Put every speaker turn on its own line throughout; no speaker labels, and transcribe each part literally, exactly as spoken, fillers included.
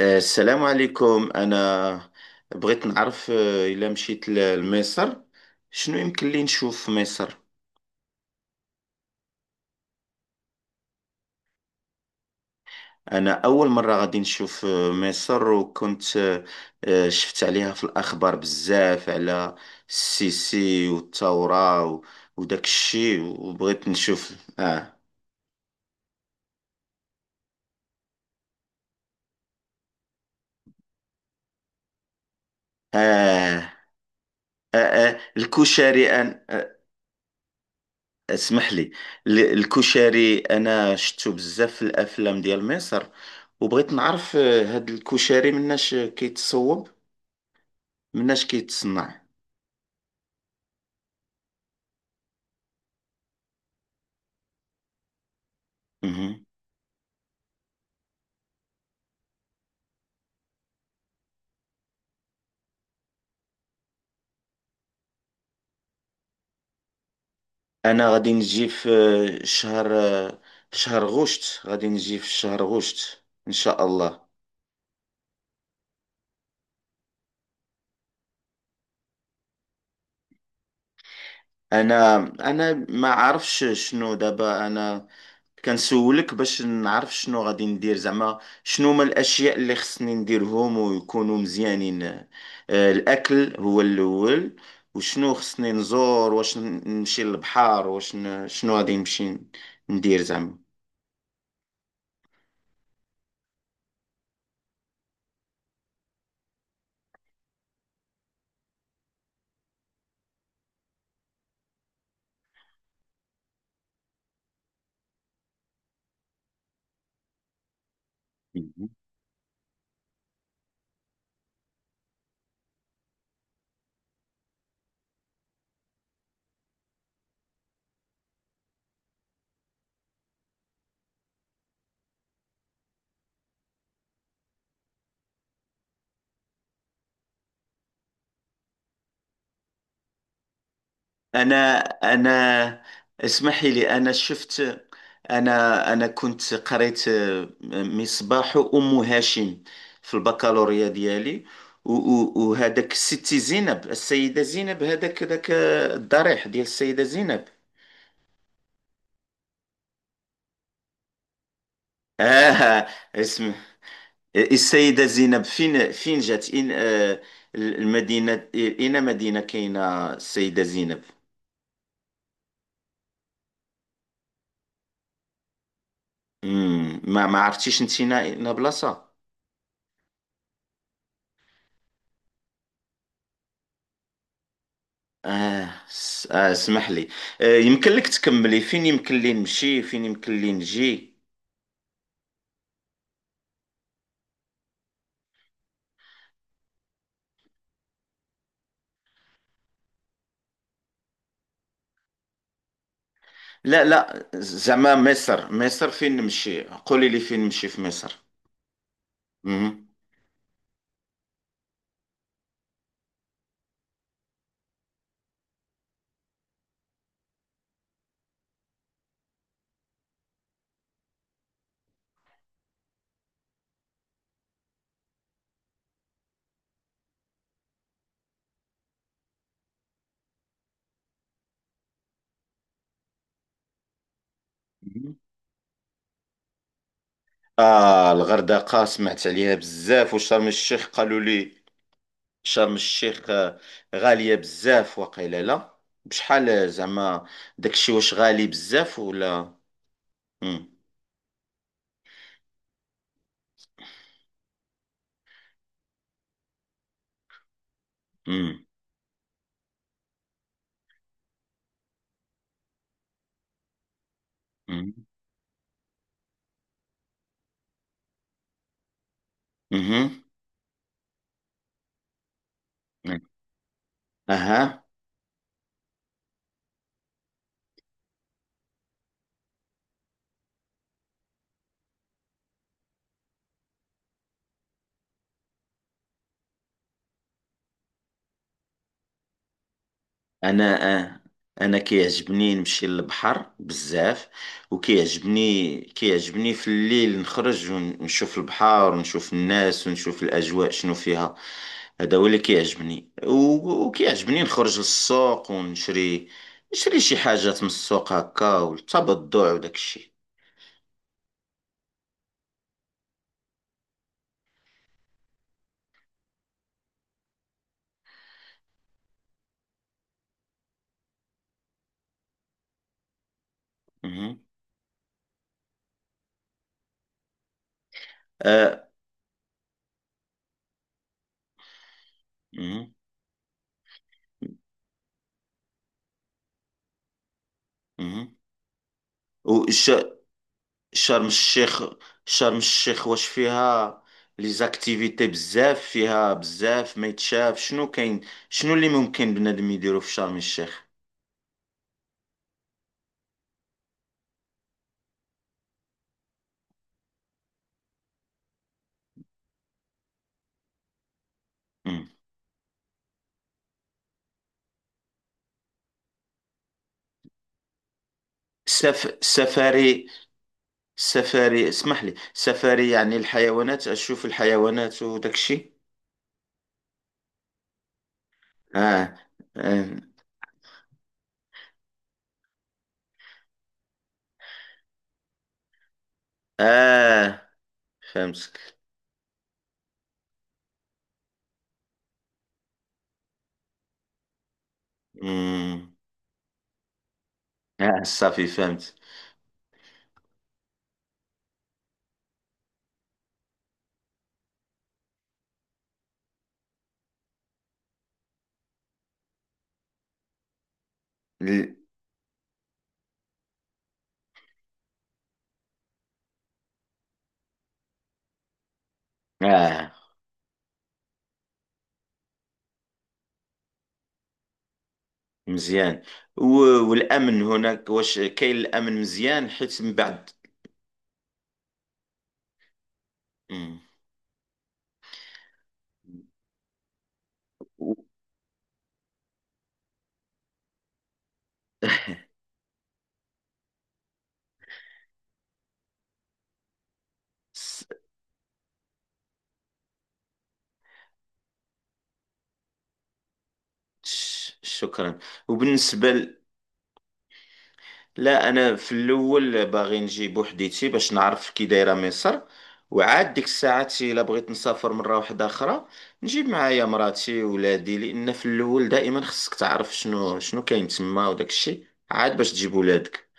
آه، السلام عليكم. أنا بغيت نعرف، آه، إلا مشيت ل- لمصر، شنو يمكن لي نشوف في مصر؟ أنا أول مرة غادي نشوف آه، مصر. وكنت آه، آه، شفت عليها في الأخبار بزاف على السيسي والثورة و- وداك الشي، وبغيت نشوف. آه آه, آه, آه الكشري أن آه، اسمح لي. ال- الكشري انا شفتو بزاف في الافلام ديال مصر، وبغيت نعرف آه، هاد الكشري مناش كيتصوب، مناش كيتصنع. مهم. انا غادي نجي في آه، شهر آه، في شهر غشت غادي نجي، في شهر غشت ان شاء الله. انا انا ما عارفش شنو دابا. انا كنسولك باش نعرف شنو غادي ندير زعما، شنو هما الاشياء اللي خصني نديرهم ويكونوا مزيانين. آه، الاكل هو الاول، وشنو خصني نزور، واش ن- نمشي للبحر، واش ن- شنو غادي نمشي ندير زعما. أنا أنا اسمحي لي. أنا شفت أنا أنا كنت قريت آه، مصباح أم هاشم في البكالوريا ديالي. و- و- وهذاك ستي زينب، السيدة زينب، هذاك ذاك آه، الضريح ديال السيدة زينب. آه اسم السيدة زينب، فين فين جات، إن آه المدينة؟ إين مدينة كاينة السيدة زينب؟ مم، ما ما عرفتيش انت، نا نا بلاصة؟ آه, س- آه اسمح لي. آه يمكن لك تكملي فين يمكن لي نمشي، فين يمكن لي نجي؟ لا، لا، زعما مصر، مصر فين نمشي؟ قولي لي فين نمشي في مصر. مهم. مهم. آه الغردقة سمعت عليها بزاف، وشرم الشيخ قالوا لي شرم الشيخ آه، غالية بزاف، وقيلا لا. بشحال آه، زعما؟ داكشي واش غالي بزاف ولا؟ مم. مم. مم. مهم. اها. انا آه، انا كيعجبني نمشي للبحر بزاف، وكيعجبني كيعجبني في الليل نخرج ونشوف البحر، ونشوف الناس، ونشوف الاجواء شنو فيها. هذا هو اللي كيعجبني، و- وكيعجبني نخرج للسوق، ونشري نشري شي حاجات من السوق هكا، والتبضع وداك الشيء. مهم. آه. مهم. مهم. وش شرم الشيخ شرم الشيخ واش فيها لي زاكتيفيتي بزاف، فيها بزاف ما يتشاف، شنو كاين، شنو اللي ممكن بنادم يديرو في شرم الشيخ؟ مم. سف... سفاري سفاري اسمح لي. سفاري يعني الحيوانات، اشوف الحيوانات وداك الشيء؟ اه. اه. آه. فهمتك. مم. اه، صافي، فهمت. ال- اه، مزيان. و... والامن هناك، واش كاين الامن مزيان، حيت من بعد؟ مم. و- س- ش- شكرا. وبالنسبة ل... لا، أنا في الأول باغي نجي بوحديتي باش نعرف كي دايرة مصر، وعاد ديك الساعات إلا بغيت نسافر مرة واحدة أخرى، نجيب معايا مراتي ولادي، لأن في الأول دائما خصك تعرف شنو شنو كاين تما وداك الشيء، عاد باش تجيب ولادك.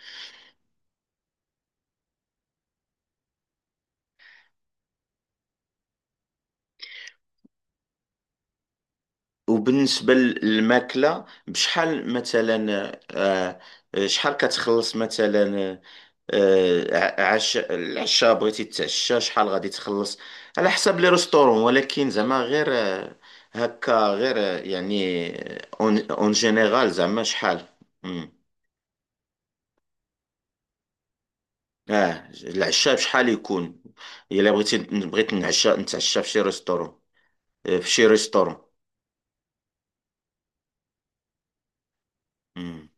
وبالنسبة للماكلة بشحال مثلا؟ آه، آه، شحال كتخلص مثلا؟ آه، آه، عش العشاء، بغيتي تتعشى شحال غادي تخلص؟ على حسب لي ريستورون، ولكن زعما غير آه، هكا، غير آه، يعني آه، اون اون جينيرال، زعما شحال؟ مم. اه، العشاء بشحال يكون؟ الا بغيتي بغيت نعشى نتعشى في شي ريستورون، آه، في شي ريستورون. مم.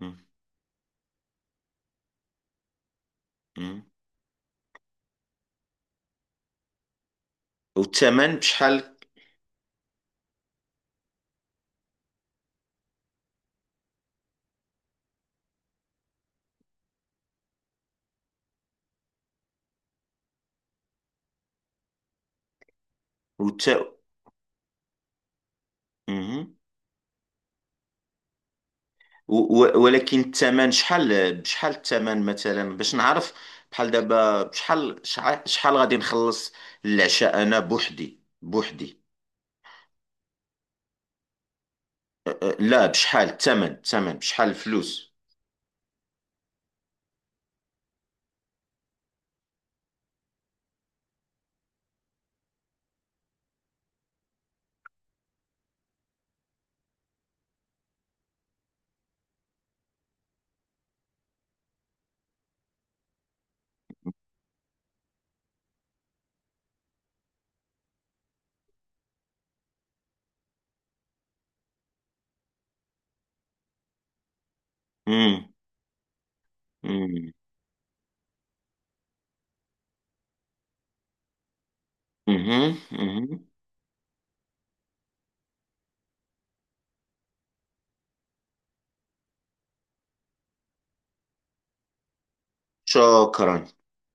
مم. مم. والثمن بشحال؟ والت... و- و- ولكن الثمن شحال، بشحال الثمن مثلا، باش نعرف. بحال دابا، بشحال شع- شحال غادي نخلص العشاء، انا بوحدي بوحدي؟ أ- أ- لا، بشحال الثمن الثمن بشحال، الفلوس. امم. امم. اها، اها، شكرا.